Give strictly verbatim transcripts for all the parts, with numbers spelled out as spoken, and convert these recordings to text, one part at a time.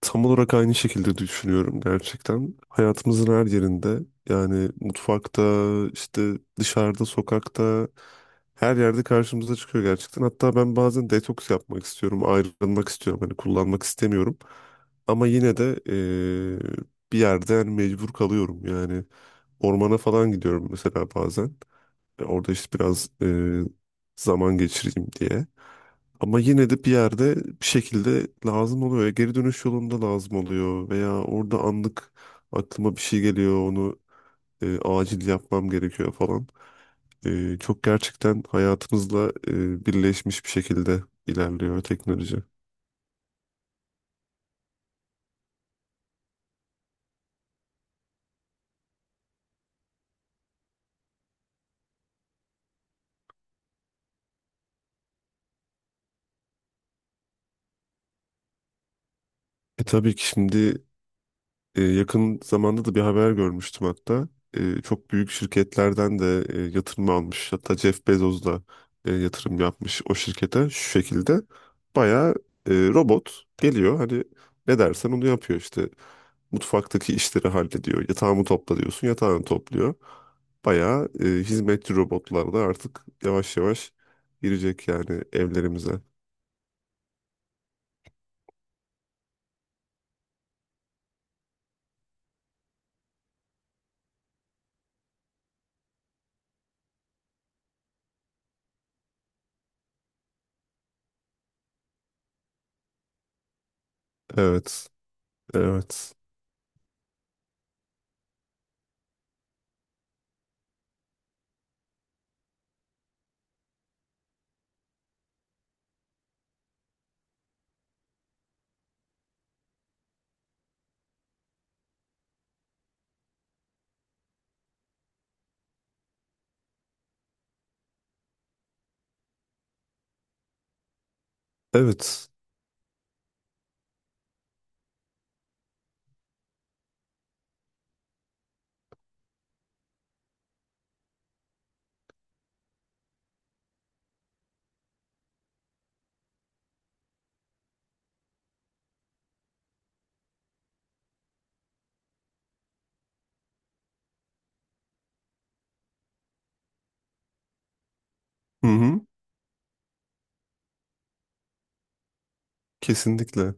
Tam olarak aynı şekilde düşünüyorum gerçekten. Hayatımızın her yerinde yani mutfakta, işte dışarıda, sokakta her yerde karşımıza çıkıyor gerçekten. Hatta ben bazen detoks yapmak istiyorum, ayrılmak istiyorum. Hani kullanmak istemiyorum. Ama yine de eee, bir yerde yani mecbur kalıyorum. Yani ormana falan gidiyorum mesela bazen. E, Orada işte biraz eee, zaman geçireyim diye. Ama yine de bir yerde bir şekilde lazım oluyor. Ya geri dönüş yolunda lazım oluyor veya orada anlık aklıma bir şey geliyor onu e, acil yapmam gerekiyor falan. E, çok gerçekten hayatımızla e, birleşmiş bir şekilde ilerliyor teknoloji. E tabii ki şimdi. E, yakın zamanda da bir haber görmüştüm hatta. E, çok büyük şirketlerden de e, yatırım almış. Hatta Jeff Bezos da e, yatırım yapmış o şirkete şu şekilde. Bayağı e, robot geliyor hani ne dersen onu yapıyor işte. Mutfaktaki işleri hallediyor. Yatağımı topla diyorsun yatağını topluyor. Bayağı e, hizmetçi robotlar da artık yavaş yavaş girecek yani evlerimize. Evet, evet, evet. Hı hı, kesinlikle.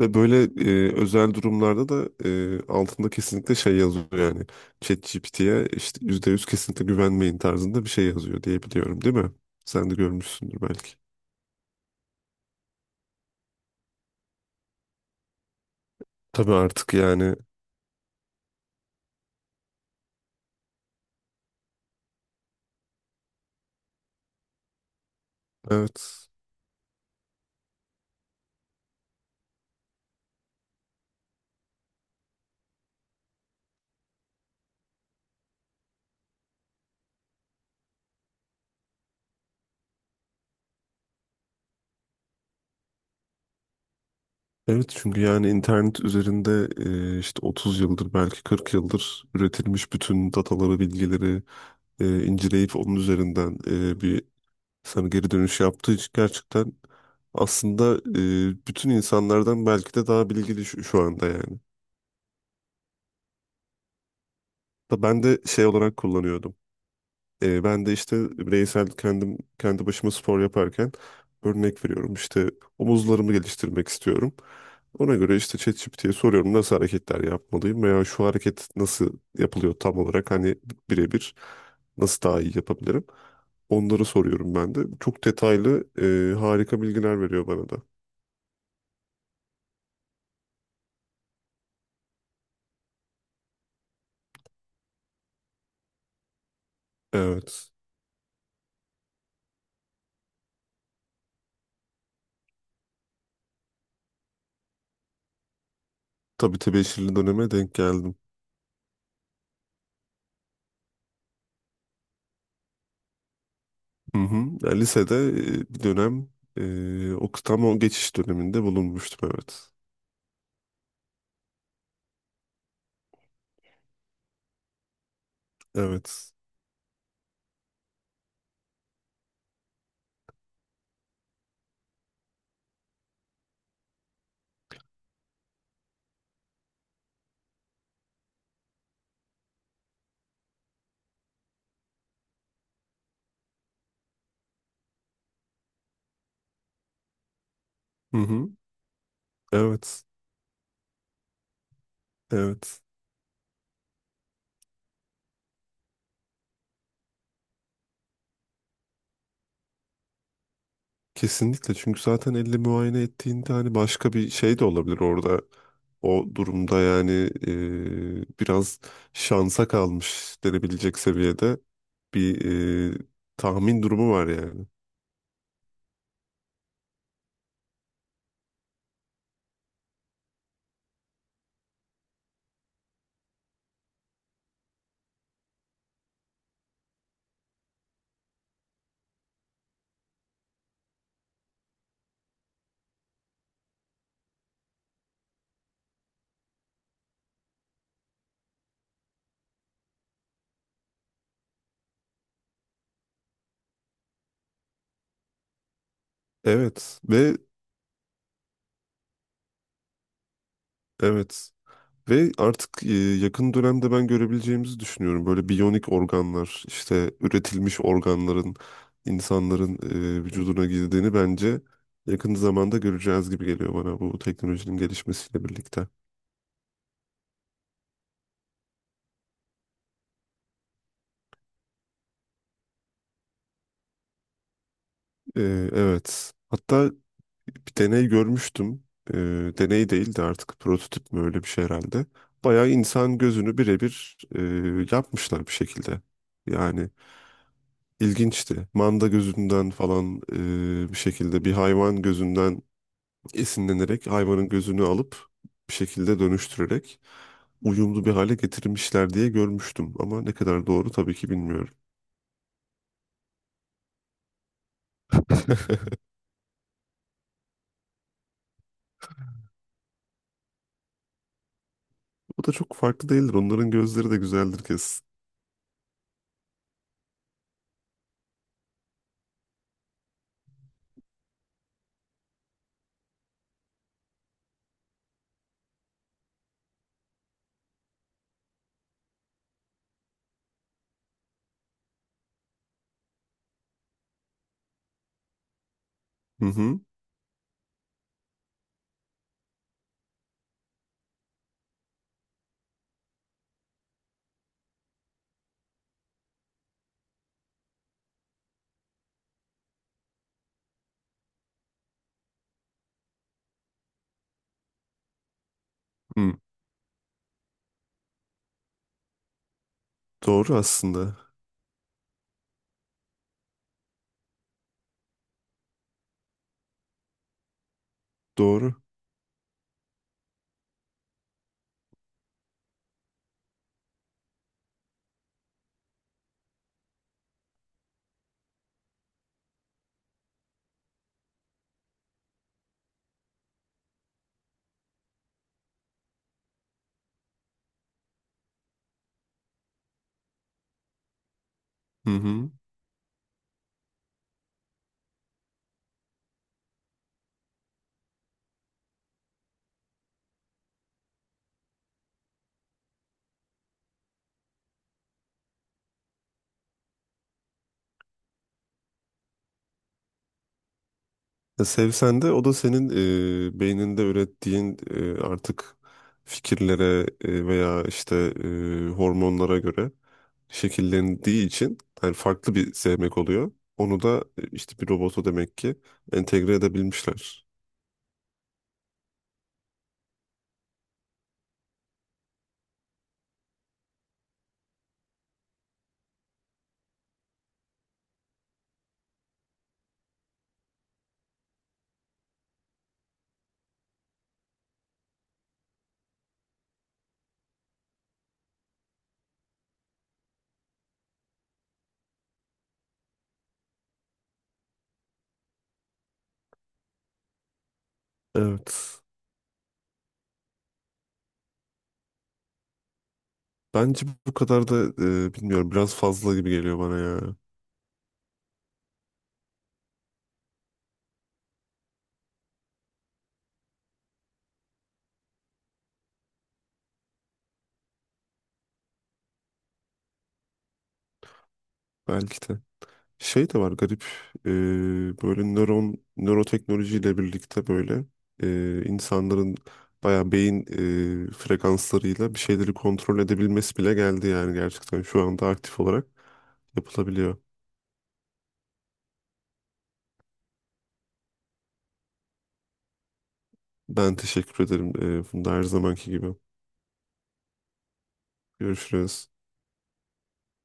Ve böyle e, özel durumlarda da e, altında kesinlikle şey yazıyor yani. ChatGPT'ye işte yüzde yüz kesinlikle güvenmeyin tarzında bir şey yazıyor diye biliyorum değil mi? Sen de görmüşsündür belki. Tabii artık yani, evet. Evet çünkü yani internet üzerinde e, işte otuz yıldır belki kırk yıldır üretilmiş bütün dataları, bilgileri e, inceleyip onun üzerinden e, bir sana geri dönüş yaptığı için gerçekten aslında e, bütün insanlardan belki de daha bilgili şu, şu anda yani. Da Ben de şey olarak kullanıyordum. Ee, ben de işte bireysel kendim kendi başıma spor yaparken örnek veriyorum. İşte omuzlarımı geliştirmek istiyorum. Ona göre işte ChatGPT'ye soruyorum nasıl hareketler yapmalıyım veya şu hareket nasıl yapılıyor tam olarak hani birebir nasıl daha iyi yapabilirim. Onları soruyorum ben de. Çok detaylı e, harika bilgiler veriyor bana da. Evet. Tabii tebeşirli döneme denk geldim. Hı hı. Ya lisede e, bir dönem e, o tam o geçiş döneminde bulunmuştum, evet. Evet. Hı hı. Evet. Evet. Kesinlikle çünkü zaten elle muayene ettiğinde hani başka bir şey de olabilir orada. O durumda yani e, biraz şansa kalmış denebilecek seviyede bir e, tahmin durumu var yani. Evet ve evet. Ve artık e, yakın dönemde ben görebileceğimizi düşünüyorum. Böyle biyonik organlar, işte üretilmiş organların insanların e, vücuduna girdiğini bence yakın zamanda göreceğiz gibi geliyor bana bu teknolojinin gelişmesiyle birlikte. E, evet. Hatta bir deney görmüştüm. E, deney değil de artık prototip mi, öyle bir şey herhalde. Bayağı insan gözünü birebir e, yapmışlar bir şekilde. Yani İlginçti. Manda gözünden falan e, bir şekilde bir hayvan gözünden esinlenerek hayvanın gözünü alıp bir şekilde dönüştürerek uyumlu bir hale getirmişler diye görmüştüm. Ama ne kadar doğru tabii ki bilmiyorum. O da çok farklı değildir. Onların gözleri de güzeldir kesin. Hı hı. Hı. Doğru aslında. Doğru. Hı hı. Ya sevsen de o da senin e, beyninde ürettiğin e, artık fikirlere e, veya işte e, hormonlara göre şekillendiği için yani farklı bir sevmek oluyor. Onu da e, işte bir robota demek ki entegre edebilmişler. Evet. Bence bu kadar da e, bilmiyorum, biraz fazla gibi geliyor bana ya. Belki de. Şey de var garip, e, böyle nöron nöroteknolojiyle birlikte böyle e, insanların bayağı beyin e, frekanslarıyla bir şeyleri kontrol edebilmesi bile geldi yani gerçekten şu anda aktif olarak yapılabiliyor. Ben teşekkür ederim e, Funda, her zamanki gibi. Görüşürüz.